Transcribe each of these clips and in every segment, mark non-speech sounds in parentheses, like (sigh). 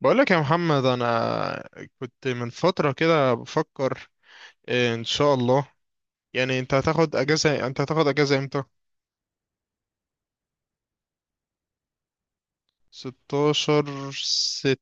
بقولك يا محمد، انا كنت من فترة كده بفكر، إيه، ان شاء الله. يعني انت هتاخد اجازة امتى؟ 16 ستة.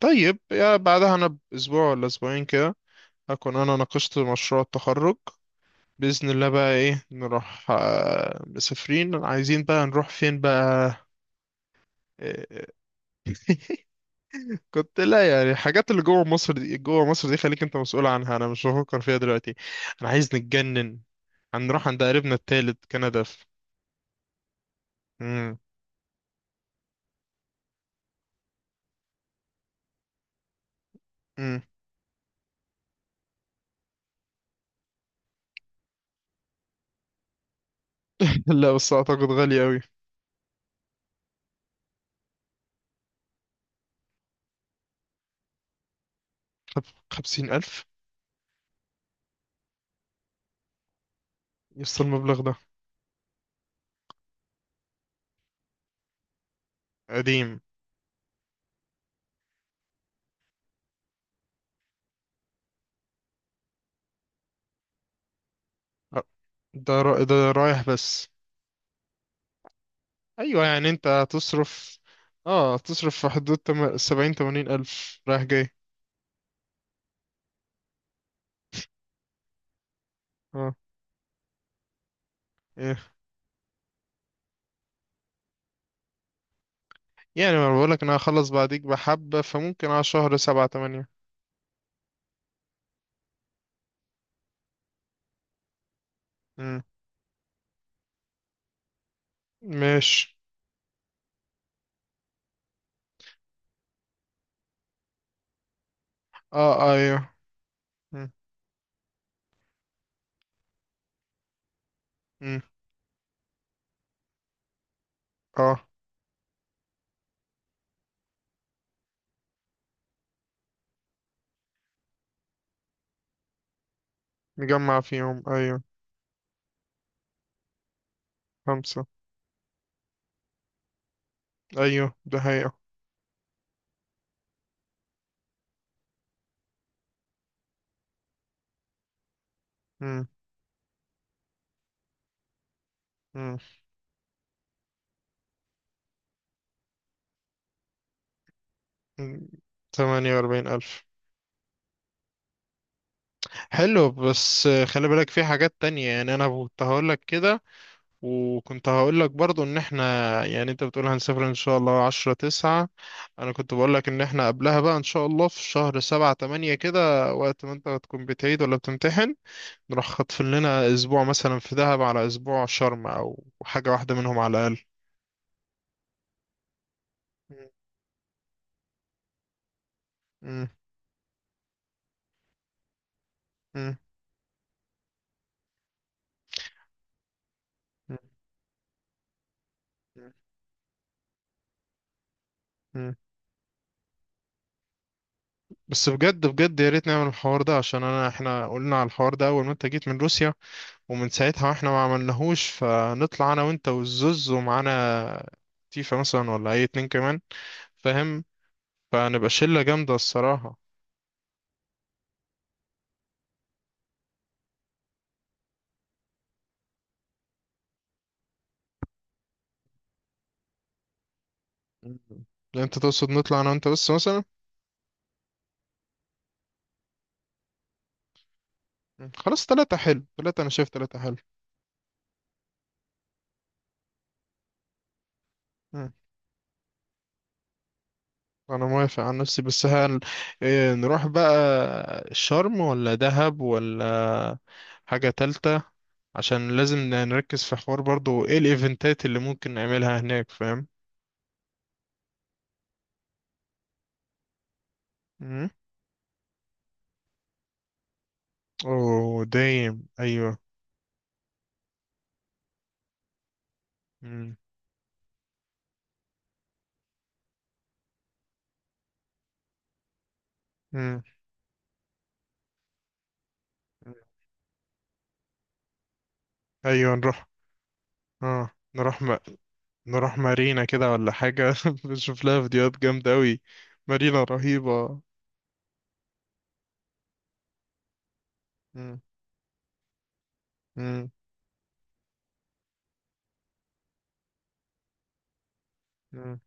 طيب، يا بعدها انا باسبوع ولا اسبوعين كده هكون انا ناقشت مشروع التخرج بإذن الله. بقى ايه، نروح، مسافرين، عايزين بقى نروح فين بقى؟ إيه؟ (laughs) كنت، لا يعني الحاجات اللي جوه مصر دي، خليك انت مسؤول عنها، انا مش بفكر فيها دلوقتي. انا عايز نتجنن. هنروح عند قريبنا التالت، كندا، في... مم. مم. (laughs) لا، بس اعتقد غالي قوي. 50 ألف؟ يوصل المبلغ ده؟ قديم. أ- ده رايح بس؟ ايوه، يعني انت هتصرف في حدود 70 80 ألف رايح جاي. اه. إيه. يعني ما بقولك، انا هخلص بعديك بحبة، فممكن على شهر سبعة تمانية. مم. ماشي. اه. ايوه. مم. مم. اه. مجمع فيهم، ايوه. خمسة. ايوه، ده حقيقة. مم. مم. مم. 48 ألف. حلو، بس خلي بالك في حاجات تانية. يعني انا كنت هقول لك كده. وكنت هقول لك برضو ان احنا، يعني انت بتقول هنسافر ان شاء الله عشرة تسعة. انا كنت بقول لك ان احنا قبلها بقى ان شاء الله في شهر سبعة تمانية كده، وقت ما انت هتكون بتعيد ولا بتمتحن، نروح خاطفين لنا اسبوع مثلا في دهب، على اسبوع شرم، او حاجة واحدة منهم على الاقل. مم. مم. مم. مم. مم. بس بجد بجد، يا ريت نعمل الحوار ده، عشان انا، احنا قلنا على الحوار ده اول ما انت جيت من روسيا، ومن ساعتها واحنا ما عملناهوش. فنطلع انا وانت والزوز، ومعانا تيفا مثلا، ولا اي اتنين كمان، فاهم؟ فنبقى شلة جامدة الصراحة. مم. انت تقصد نطلع انا وانت بس مثلا؟ مم. خلاص، تلاتة حلو، تلاتة انا شايف، تلاتة حلو. مم. انا موافق عن نفسي، بس هل، إيه، نروح بقى شرم ولا دهب ولا حاجة تالتة؟ عشان لازم نركز في حوار برضو، ايه الايفنتات اللي ممكن نعملها هناك، فاهم؟ مم. اوه، دايم، ايوه. مم. مم. ايوه نروح. اه. نروح م... نروح مارينا كده ولا حاجة؟ (laughs) بنشوف لها فيديوهات جامدة أوي. مارينا رهيبة. مم. مم.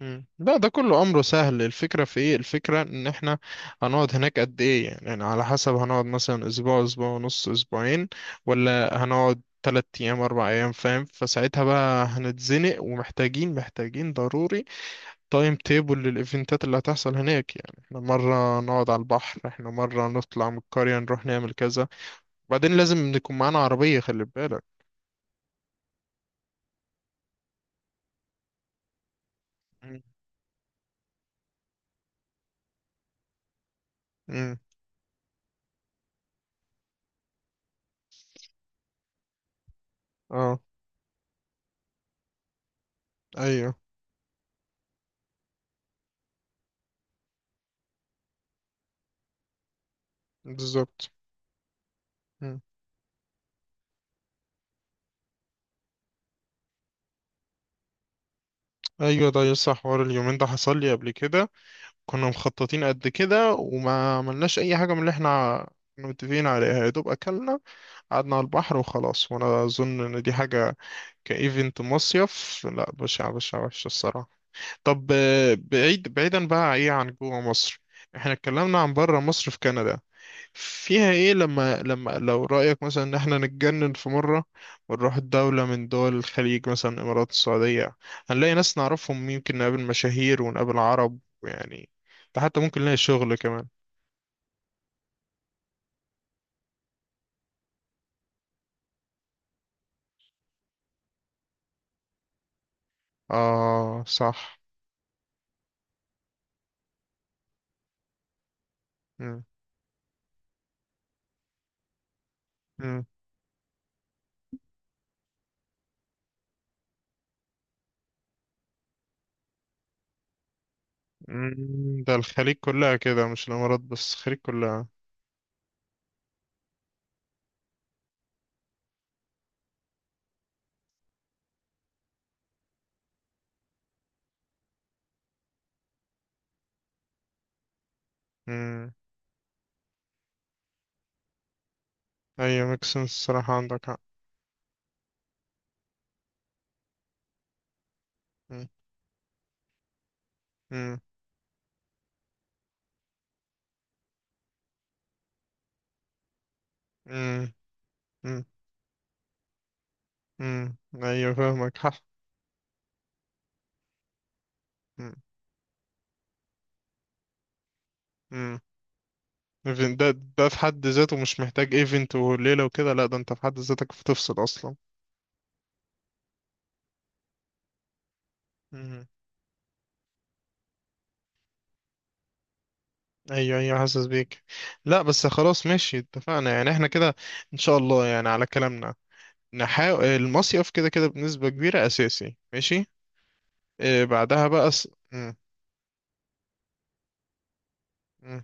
مم. لا، ده كله امره سهل. الفكره في ايه، الفكره ان احنا هنقعد هناك قد ايه يعني، يعني على حسب. هنقعد مثلا اسبوع، اسبوع ونص، اسبوعين، ولا هنقعد تلات ايام اربع ايام، فاهم؟ فساعتها بقى هنتزنق، ومحتاجين ضروري تايم تيبل للايفنتات اللي هتحصل هناك. يعني احنا مره نقعد على البحر، احنا مره نطلع من القريه نروح نعمل كذا، وبعدين لازم نكون معانا عربيه، خلي بالك. مم. مم. اه ايوه. بالظبط. ايوه، ده يسطا حوار، اليومين ده حصل لي قبل كده. كنا مخططين قد كده وما عملناش اي حاجه من اللي احنا كنا متفقين عليها. يا دوب اكلنا، قعدنا على البحر وخلاص. وانا اظن ان دي حاجه كايفنت مصيف، لا بشع بشع، وحشه الصراحه. طب، بعيد بعيدا بقى، ايه عن جوه مصر؟ احنا اتكلمنا عن بره مصر في كندا، فيها ايه لما لو رأيك مثلا ان احنا نتجنن في مرة ونروح دولة من دول الخليج، مثلا الامارات، السعودية، هنلاقي ناس نعرفهم، يمكن نقابل مشاهير ونقابل عرب يعني. ده حتى ممكن نلاقي شغل كمان. اه صح. مم. مم. مم. ده الخليج كلها كده، مش الامارات بس، الخليج كلها. مم. ايوه، ميكسن الصراحة، عندك حق. مم. مم. مم. مم. مم. ايوه، فاهمك، حق. مم. مم. ايفنت ده. ده في حد ذاته مش محتاج ايفنت وليلة وكده، لا ده انت في حد ذاتك بتفصل اصلا. مم. ايوه ايوه، حاسس بيك. لا بس خلاص، ماشي، اتفقنا يعني. احنا كده ان شاء الله يعني على كلامنا نحاول المصيف، كده كده بنسبة كبيرة اساسي، ماشي. إيه بعدها بقى مم. مم.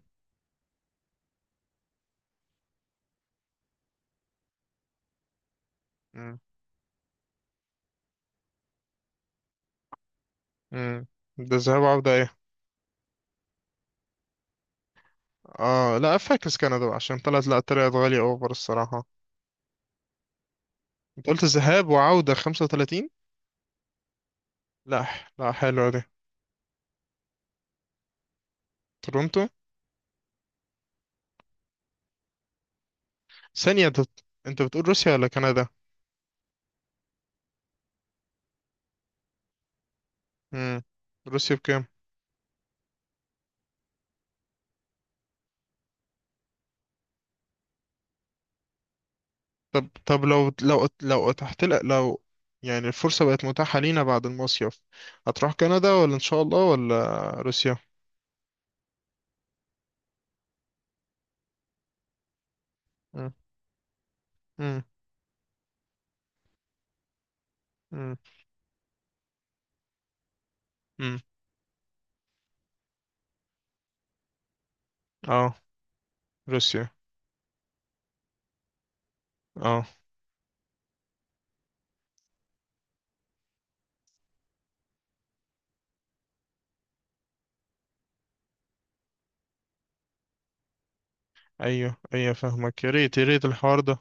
مم. مم. ده الذهاب وعودة، ايه؟ اه، لا، فاكس كندا بقى، عشان طلعت، لا طلعت غالية اوفر الصراحة. انت قلت ذهاب وعودة 35. لا، لا حلوة دي. تورونتو. ثانية انت، انت بتقول روسيا ولا كندا؟ امم. روسيا بكام؟ طب طب، لو اتحت لك، لو يعني الفرصة بقت متاحة لينا بعد المصيف، هتروح كندا ولا ان شاء الله ولا روسيا؟ امم. امم. امم. امم. اه. روسيا. اه. ايوه ايوه فاهمك. يا ريت يا ريت الحوار ده.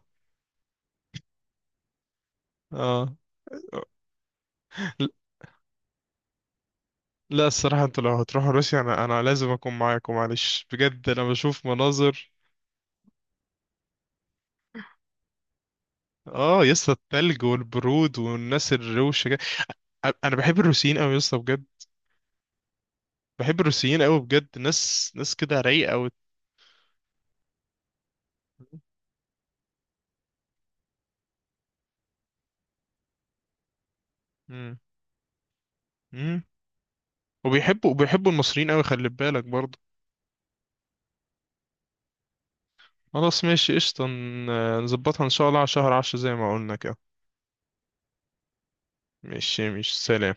اه. ل- لا الصراحة، انتوا لو هتروحوا روسيا انا لازم اكون معاكم، معلش، بجد انا بشوف مناظر. اه يسطا، التلج والبرود والناس الروشة. انا بحب الروسيين قوي يا اسطى بجد. بحب الروسيين قوي بجد، ناس ناس كده رايقه قوي. امم. امم. وبيحبوا المصريين قوي، خلي بالك برضه. خلاص ماشي قشطه، نظبطها ان شاء الله على شهر 10 زي ما قلنا كده. ماشي. مش، سلام.